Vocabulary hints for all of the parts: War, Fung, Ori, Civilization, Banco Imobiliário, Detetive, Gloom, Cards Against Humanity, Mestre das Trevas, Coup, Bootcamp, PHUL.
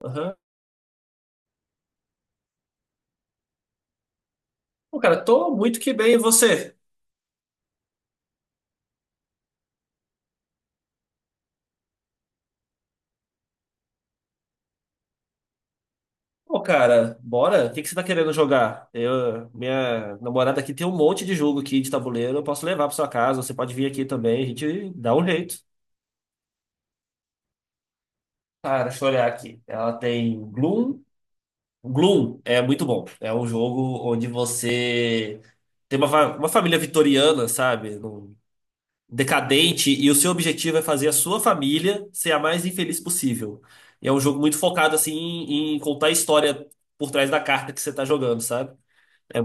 Aham. Pô, cara, tô muito que bem. E você? Pô, cara, bora? O que que você tá querendo jogar? Minha namorada aqui tem um monte de jogo aqui de tabuleiro. Eu posso levar pra sua casa. Você pode vir aqui também. A gente dá um jeito. Cara, deixa eu olhar aqui. Ela tem Gloom. Gloom é muito bom. É um jogo onde você tem uma família vitoriana, sabe? Decadente, e o seu objetivo é fazer a sua família ser a mais infeliz possível. E é um jogo muito focado assim em contar a história por trás da carta que você tá jogando, sabe? É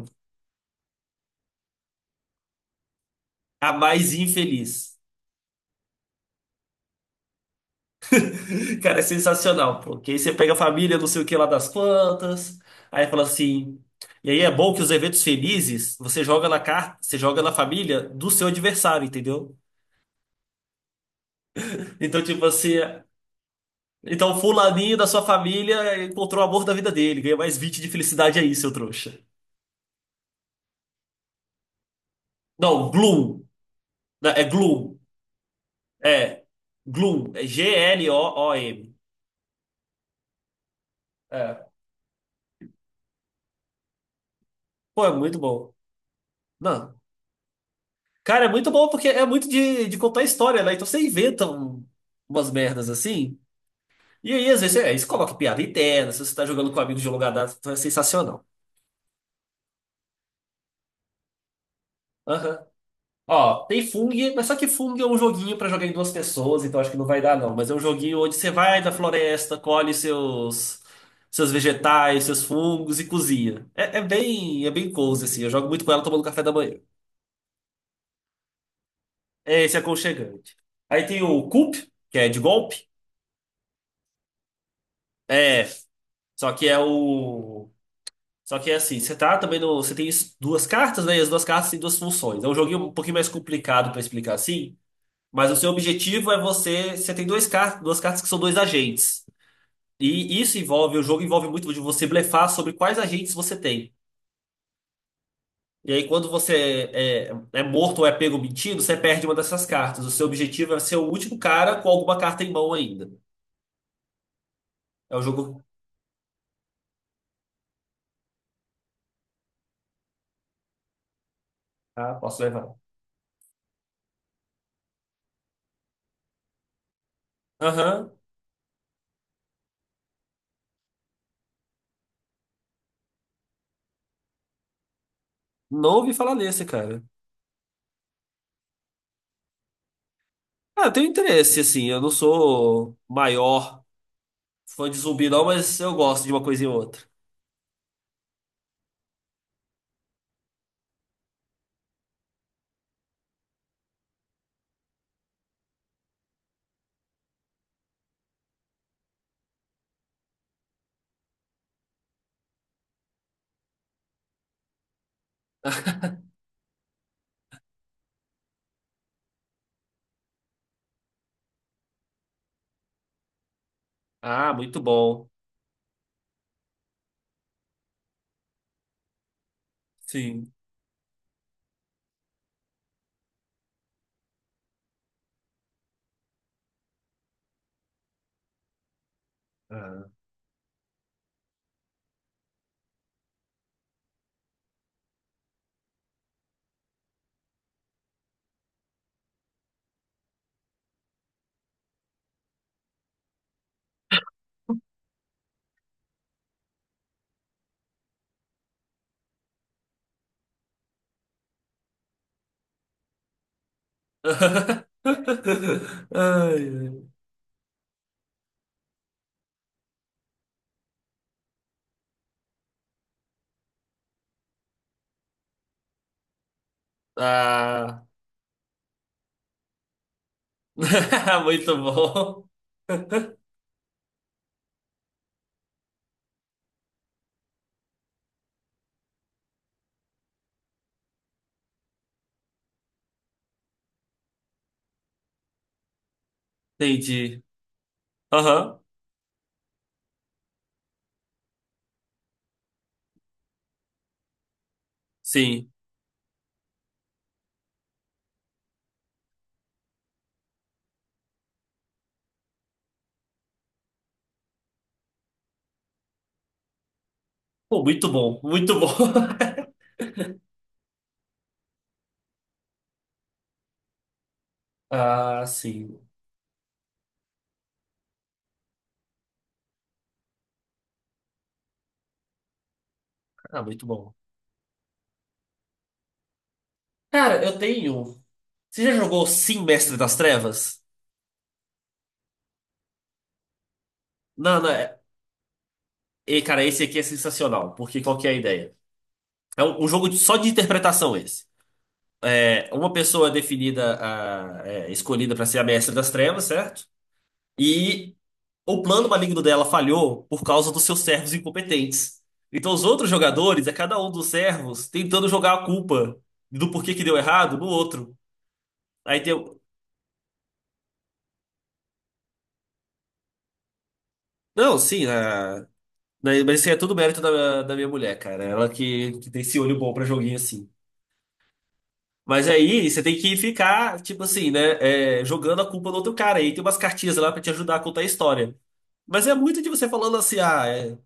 a mais infeliz. Cara, é sensacional, porque aí você pega a família, não sei o que lá das quantas, aí fala assim. E aí é bom que os eventos felizes você joga na carta, você joga na família do seu adversário, entendeu? Então, tipo assim, então o fulaninho da sua família encontrou o amor da vida dele, ganha mais 20 de felicidade aí, seu trouxa. Não, Gloom. Não, é Gloom. É. Gloom. É Gloom. É. Pô, é muito bom. Não. Cara, é muito bom porque é muito de contar história, né? Então você inventa umas merdas assim. E aí, às vezes, é, isso coloca piada interna. Se você tá jogando com amigos de longa data, então é sensacional. Aham. Ó, tem Fung, mas só que Fung é um joguinho pra jogar em duas pessoas, então acho que não vai dar não. Mas é um joguinho onde você vai da floresta, colhe seus vegetais, seus fungos e cozinha. É, é bem cozy assim. Eu jogo muito com ela tomando café da manhã. É, esse é aconchegante. Aí tem o Coup, que é de golpe. É, só que é o só que é assim, você tá também no, você tem duas cartas, né? E as duas cartas têm duas funções. É um joguinho um pouquinho mais complicado pra explicar assim. Mas o seu objetivo é você. Você tem dois car duas cartas que são dois agentes. O jogo envolve muito de você blefar sobre quais agentes você tem. E aí, quando você é morto ou é pego mentindo, você perde uma dessas cartas. O seu objetivo é ser o último cara com alguma carta em mão ainda. É o jogo. Ah, posso levar. Aham. Não ouvi falar nesse, cara. Ah, eu tenho interesse, assim. Eu não sou maior fã de zumbi, não, mas eu gosto de uma coisa e outra. Ah, muito bom. Sim. Ah. Ai, ai. Ah, muito bom. Entendi. Aham, sim. Pô, muito bom, muito bom. Ah, sim. Ah, muito bom. Cara, eu tenho. Você já jogou Sim, Mestre das Trevas? Não, não. É... E, cara, esse aqui é sensacional, porque qual que é a ideia? É um jogo só de interpretação esse. É, uma pessoa é definida, escolhida para ser a Mestre das Trevas, certo? E o plano maligno dela falhou por causa dos seus servos incompetentes. Então, os outros jogadores, é cada um dos servos tentando jogar a culpa do porquê que deu errado no outro. Aí tem. Não, sim, mas isso aí é tudo mérito da minha mulher, cara. Ela que tem esse olho bom pra joguinho assim. Mas aí você tem que ficar, tipo assim, né? Jogando a culpa no outro cara. Aí tem umas cartinhas lá pra te ajudar a contar a história. Mas é muito de você falando assim.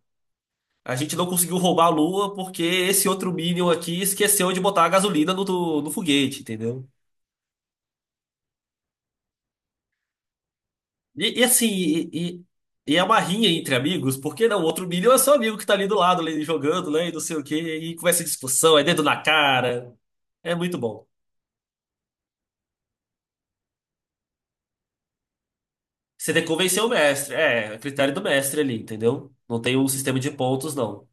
A gente não conseguiu roubar a Lua porque esse outro Minion aqui esqueceu de botar a gasolina no foguete, entendeu? E assim, e é uma rinha entre amigos, porque não, o outro Minion é seu amigo que tá ali do lado, ali, jogando, né, e não sei o quê, e começa discussão, é dedo na cara, é muito bom. Você tem que convencer o mestre, é critério do mestre ali, entendeu? Não tem um sistema de pontos, não.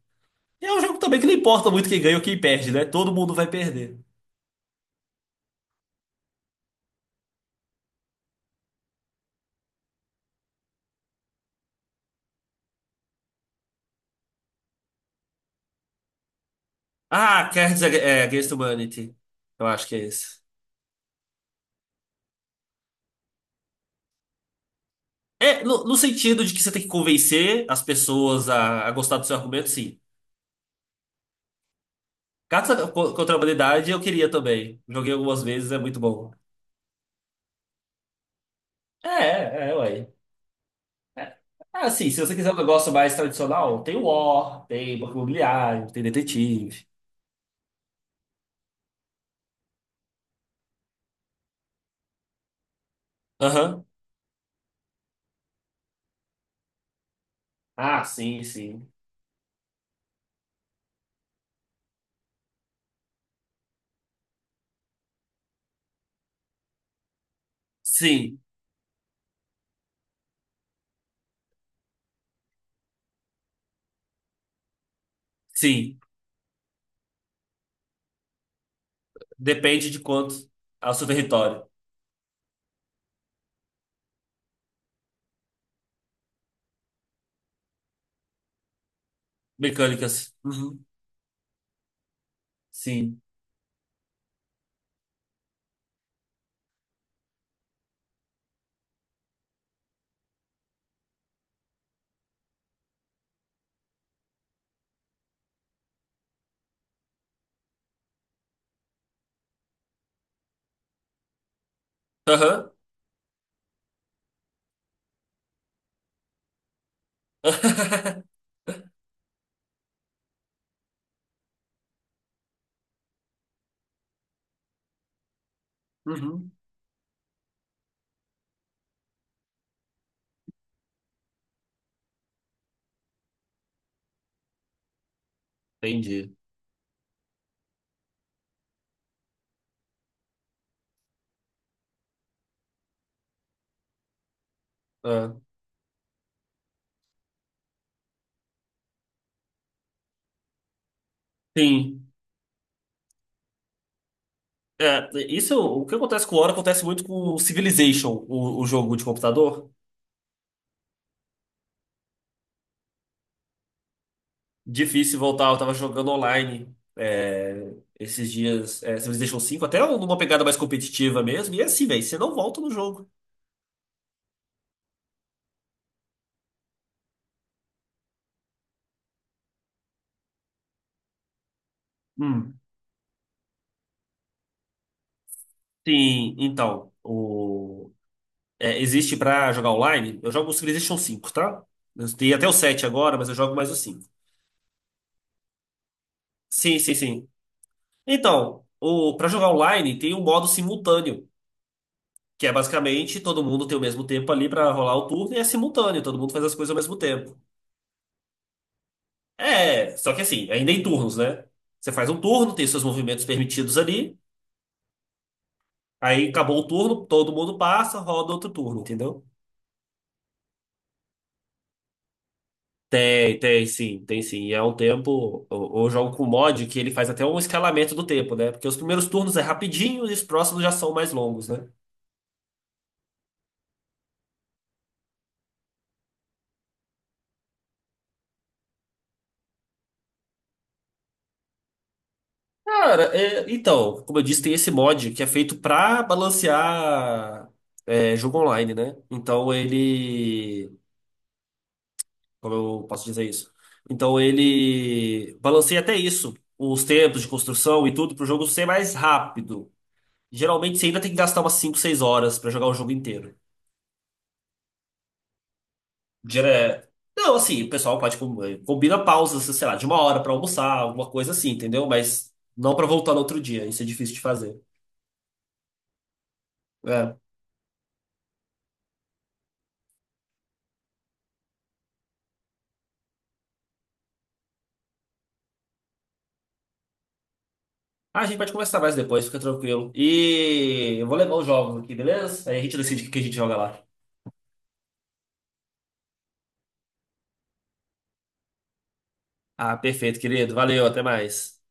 E é um jogo também que não importa muito quem ganha ou quem perde, né? Todo mundo vai perder. Ah, Cards Against Humanity. Eu acho que é esse. É, no sentido de que você tem que convencer as pessoas a gostar do seu argumento, sim. Cartas contra a Humanidade eu queria também. Joguei algumas vezes, é muito bom. É, é, é, ué. É. Ah, sim, se você quiser um negócio mais tradicional, tem War, tem Banco Imobiliário, tem Detetive. Aham. Ah, sim, sim. Sim, sim. Depende de quanto ao seu território. Mecânicas. Uhum. Sim. Aham. Uhum. Entendi. Ah. Sim. É, isso, o que acontece com o Ori acontece muito com o Civilization, o jogo de computador. Difícil voltar, eu tava jogando online esses dias, Civilization 5 até um, numa pegada mais competitiva mesmo. E é assim, velho, você não volta no jogo. Hum. Sim, então, existe pra jogar online, eu jogo o Civilization 5 tá? Eu tenho até o 7 agora, mas eu jogo mais o 5. Sim, sim, sim. Então, pra jogar online tem um modo simultâneo. Que é basicamente todo mundo tem o mesmo tempo ali pra rolar o turno e é simultâneo, todo mundo faz as coisas ao mesmo tempo. É, só que assim, ainda em turnos, né? Você faz um turno, tem seus movimentos permitidos ali, aí acabou o turno, todo mundo passa, roda outro turno, entendeu? Tem, tem sim, tem sim. E é um tempo. Eu jogo com mod que ele faz até um escalamento do tempo, né? Porque os primeiros turnos é rapidinho e os próximos já são mais longos, né? Cara, é, então, como eu disse, tem esse mod que é feito pra balancear jogo online, né? Então ele. Como eu posso dizer isso? Então ele balanceia até isso, os tempos de construção e tudo, pro jogo ser mais rápido. Geralmente você ainda tem que gastar umas 5, 6 horas pra jogar o jogo inteiro. Dire- Não, assim, o pessoal pode combina pausas, sei lá, de uma hora pra almoçar, alguma coisa assim, entendeu? Mas não pra voltar no outro dia, isso é difícil de fazer. É. Ah, a gente pode conversar mais depois, fica tranquilo. E eu vou levar os jogos aqui, beleza? Aí a gente decide o que que a gente joga lá. Ah, perfeito, querido. Valeu, até mais.